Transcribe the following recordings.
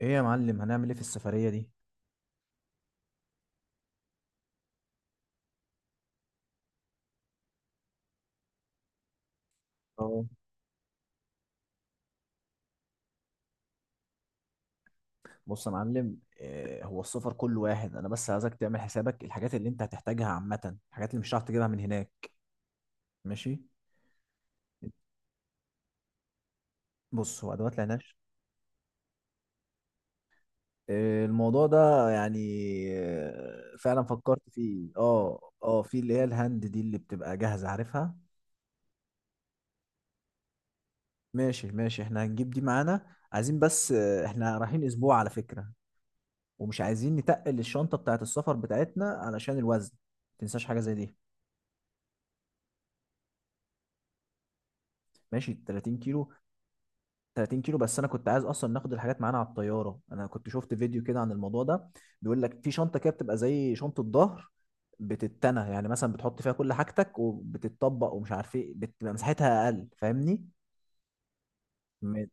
ايه يا معلم؟ هنعمل ايه في السفرية دي؟ اه بص يا معلم، إيه هو؟ السفر كله واحد، انا بس عايزك تعمل حسابك الحاجات اللي انت هتحتاجها، عامة الحاجات اللي مش هتعرف تجيبها من هناك. ماشي. بص، هو ادوات العناش، إيه الموضوع ده؟ يعني إيه؟ فعلا فكرت فيه، في اللي هي الهاند دي اللي بتبقى جاهزة، عارفها. ماشي، احنا هنجيب دي معانا، عايزين بس احنا رايحين اسبوع على فكرة، ومش عايزين نتقل الشنطة بتاعت السفر بتاعتنا علشان الوزن. متنساش حاجة زي دي. ماشي، 30 كيلو. 30 كيلو بس؟ انا كنت عايز اصلا ناخد الحاجات معانا على الطياره، انا كنت شفت فيديو كده عن الموضوع ده، بيقول لك في شنطه كده بتبقى زي شنطه ظهر، بتتنى يعني، مثلا بتحط فيها كل حاجتك وبتتطبق ومش عارف ايه، بتبقى مساحتها اقل، فاهمني؟ م-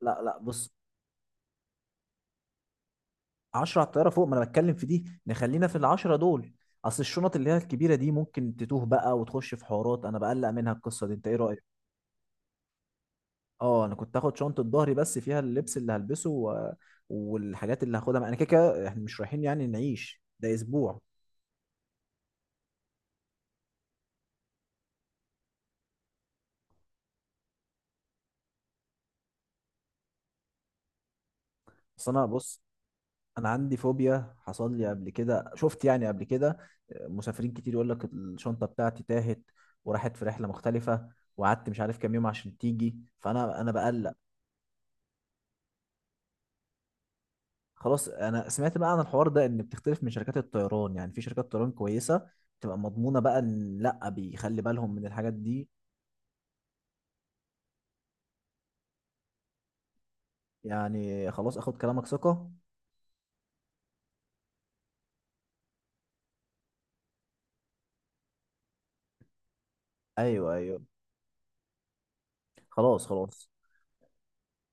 لا، بص، 10 على الطياره فوق، ما انا بتكلم في دي، نخلينا في العشرة دول. اصل الشنط اللي هي الكبيره دي ممكن تتوه بقى وتخش في حوارات، انا بقلق منها القصه دي، انت ايه رايك؟ اه، انا كنت هاخد شنطه ظهري بس فيها اللبس اللي هلبسه والحاجات اللي هاخدها معايا. انا كده كده احنا مش رايحين يعني نعيش، ده اسبوع بس. انا بص، انا عندي فوبيا، حصل لي قبل كده، شفت يعني قبل كده مسافرين كتير يقول لك الشنطه بتاعتي تاهت وراحت في رحله مختلفه، وقعدت مش عارف كام يوم عشان تيجي، فانا بقلق. خلاص، انا سمعت بقى عن الحوار ده، ان بتختلف من شركات الطيران، يعني في شركات طيران كويسه بتبقى مضمونه بقى، ان لا بيخلي بالهم من الحاجات دي. يعني خلاص، اخد كلامك ثقة. ايوه، خلاص.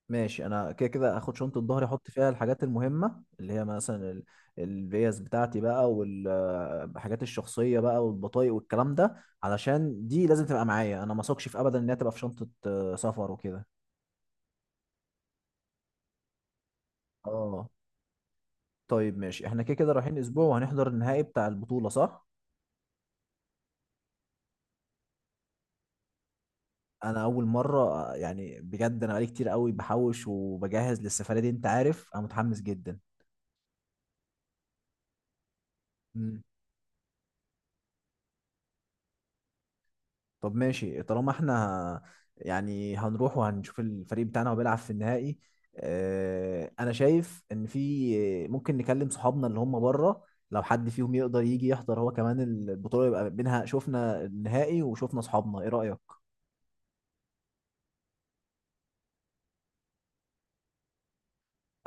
ماشي، انا كده كده اخد شنطه ظهري، احط فيها الحاجات المهمه اللي هي مثلا الفيز بتاعتي بقى، والحاجات الشخصيه بقى، والبطايق والكلام ده، علشان دي لازم تبقى معايا، انا ما اثقش في ابدا ان هي تبقى في شنطه سفر وكده. اه، طيب ماشي، احنا كده كده رايحين اسبوع وهنحضر النهائي بتاع البطوله، صح؟ انا اول مره، يعني بجد انا بقالي كتير قوي بحوش وبجهز للسفريه دي، انت عارف انا متحمس جدا. طب ماشي، طالما احنا يعني هنروح وهنشوف الفريق بتاعنا وبيلعب في النهائي. اه، انا شايف ان في ممكن نكلم صحابنا اللي هم بره، لو حد فيهم يقدر يجي يحضر هو كمان البطولة، يبقى بينها شفنا النهائي وشفنا صحابنا، ايه رأيك؟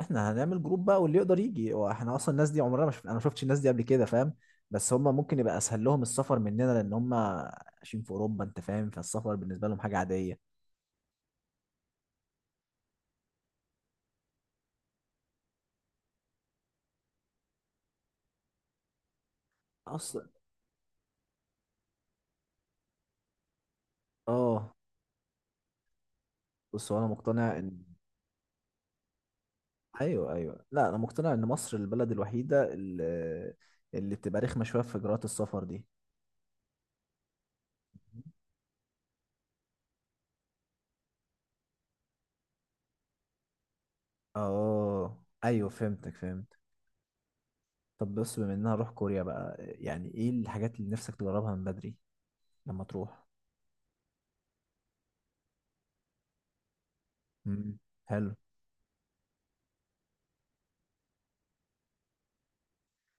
احنا هنعمل جروب بقى، واللي يقدر يجي، واحنا اصلا الناس دي عمرنا ما انا ما شفتش الناس دي قبل كده، فاهم؟ بس هم ممكن يبقى اسهل لهم السفر مننا، لان هم عايشين في اوروبا، انت فاهم؟ فالسفر بالنسبة لهم حاجة عادية اصلا. اه بص هو انا مقتنع ان ايوه، لا، انا مقتنع ان مصر البلد الوحيده اللي، اللي بتبقى رخمه شويه في اجراءات السفر دي. اه ايوه، فهمت. طب بص، بما اننا هروح كوريا بقى، يعني ايه الحاجات اللي نفسك تجربها من بدري لما تروح؟ امم، حلو.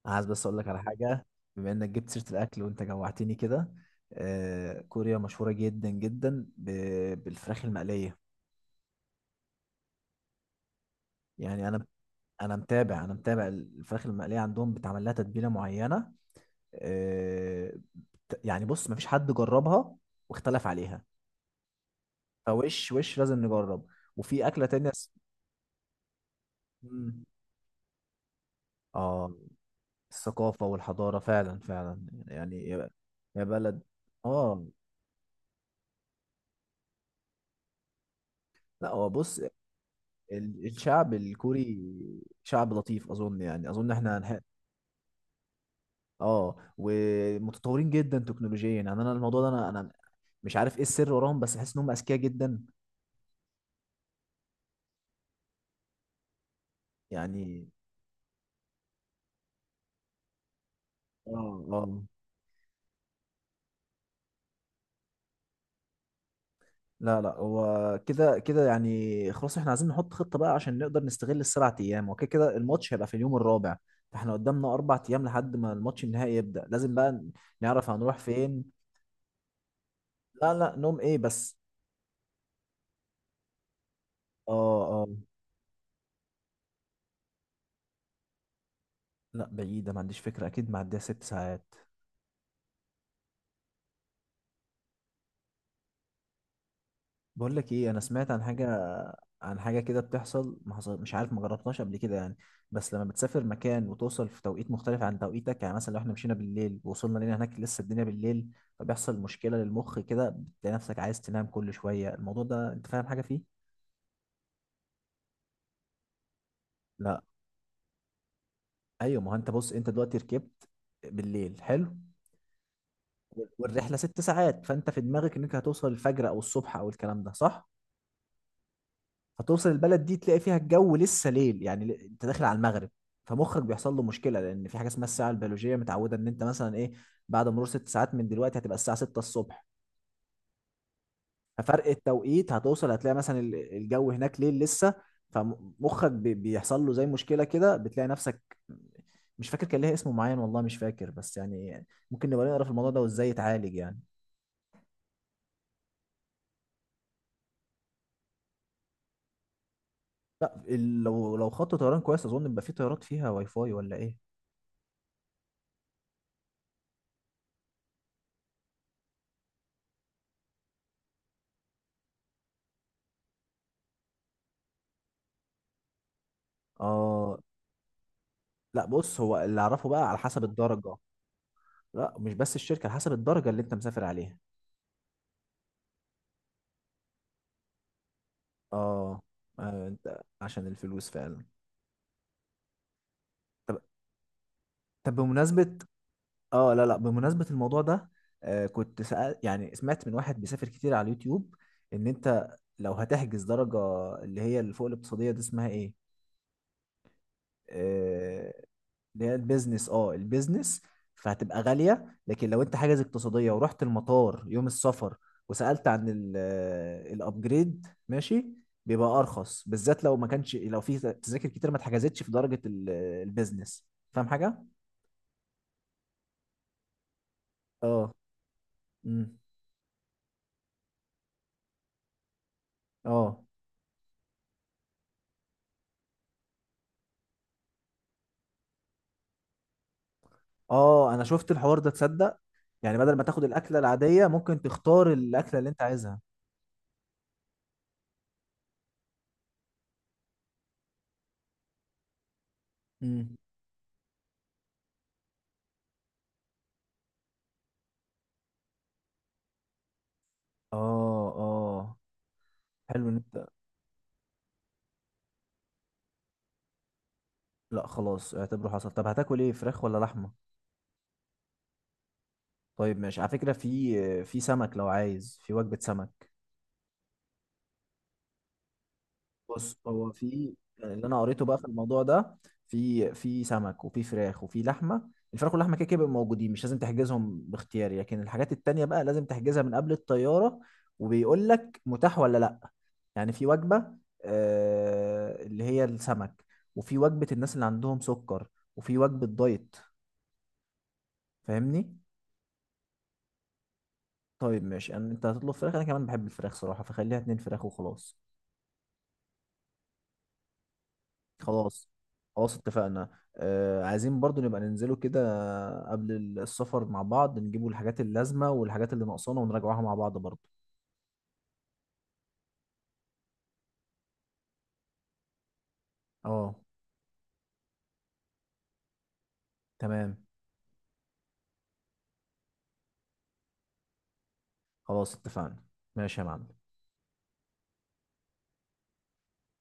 عايز بس اقول لك على حاجه، بما انك جبت سيره الاكل وانت جوعتني كده، كوريا مشهوره جدا جدا بالفراخ المقليه، يعني انا، انا متابع الفراخ المقليه عندهم، بتعمل لها تتبيله معينه، آه، يعني بص مفيش حد جربها واختلف عليها، وش لازم نجرب، وفي أكلة تانية مم. اه، الثقافة والحضارة فعلا، فعلا يعني، يا يا بلد. اه، لا، هو بص، الشعب الكوري شعب لطيف أظن، يعني أظن احنا اه، ومتطورين جدا تكنولوجيا، يعني انا الموضوع ده، انا مش عارف ايه السر وراهم، بس بحس انهم اذكياء جدا يعني. اه، لا، هو كده كده يعني، خلاص احنا عايزين نحط خطة بقى عشان نقدر نستغل السبع ايام، وكده كده الماتش هيبقى في اليوم الرابع، فاحنا قدامنا اربع ايام لحد ما الماتش النهائي يبدأ، لازم بقى نعرف هنروح فين. لا لا، نوم ايه بس. اه، لا بعيدة، ما عنديش فكرة، اكيد معديها ست ساعات. بقول لك ايه، انا سمعت عن حاجه، عن حاجه كده بتحصل، ما حصل مش عارف، ما جربتهاش قبل كده يعني، بس لما بتسافر مكان وتوصل في توقيت مختلف عن توقيتك، يعني مثلا لو احنا مشينا بالليل ووصلنا لنا هناك لسه الدنيا بالليل، فبيحصل مشكله للمخ كده، بتلاقي نفسك عايز تنام كل شويه، الموضوع ده انت فاهم حاجه فيه؟ لا، ايوه، ما هو انت بص، انت دلوقتي ركبت بالليل، حلو، والرحله ست ساعات، فانت في دماغك انك هتوصل الفجر او الصبح او الكلام ده، صح؟ هتوصل البلد دي تلاقي فيها الجو لسه ليل، يعني انت داخل على المغرب، فمخك بيحصل له مشكله، لان في حاجه اسمها الساعه البيولوجيه، متعوده ان انت مثلا ايه، بعد مرور ست ساعات من دلوقتي هتبقى الساعه 6 الصبح، ففرق التوقيت هتوصل هتلاقي مثلا الجو هناك ليل لسه، فمخك بيحصل له زي مشكله كده، بتلاقي نفسك، مش فاكر كان ليها اسم معين، والله مش فاكر، بس يعني ممكن نبقى نقرا في الموضوع ده وازاي يتعالج يعني. لا، لو خط طيران كويس، اظن يبقى في طيارات فيها واي فاي ولا ايه؟ اه، لا بص، هو اللي اعرفه بقى على حسب الدرجه، لا مش بس الشركه، على حسب الدرجه اللي انت مسافر عليها. اه، انت عشان الفلوس فعلا. طب بمناسبه، اه لا لا، بمناسبه الموضوع ده، كنت سأل، يعني سمعت من واحد بيسافر كتير على اليوتيوب، ان انت لو هتحجز درجه اللي هي اللي فوق الاقتصاديه دي، اسمها ايه؟ آه، اللي هي البيزنس، اه البيزنس، فهتبقى غالية، لكن لو انت حاجز اقتصادية ورحت المطار يوم السفر، وسألت عن الابجريد، ماشي، بيبقى ارخص، بالذات لو ما كانش، لو في تذاكر كتير ما اتحجزتش في درجة البيزنس، فاهم حاجة؟ اه، امم، اه اه، انا شفت الحوار ده، تصدق؟ يعني بدل ما تاخد الاكلة العادية، ممكن تختار الاكلة اللي انت عايزها. امم، اه، حلو ان انت، لا خلاص اعتبره حصل. طب هتاكل ايه، فراخ ولا لحمه؟ طيب ماشي، على فكره في في سمك، لو عايز في وجبه سمك. بص، هو في يعني اللي انا قريته بقى في الموضوع ده، في في سمك وفي فراخ وفي لحمه، الفراخ واللحمه كده كده بيبقوا موجودين، مش لازم تحجزهم باختياري، لكن الحاجات التانيه بقى لازم تحجزها من قبل الطياره، وبيقول لك متاح ولا لا، يعني في وجبه اللي هي السمك، وفي وجبه الناس اللي عندهم سكر، وفي وجبه دايت، فاهمني؟ طيب ماشي، يعني انت هتطلب فراخ، انا كمان بحب الفراخ صراحه، فخليها اتنين فراخ وخلاص. خلاص خلاص اتفقنا. عايزين برضو نبقى ننزلوا كده قبل السفر مع بعض، نجيبوا الحاجات اللازمه والحاجات اللي ناقصانا، ونراجعوها مع بعض برضو. اه، تمام. خلاص اتفقنا، ماشي يا معلم.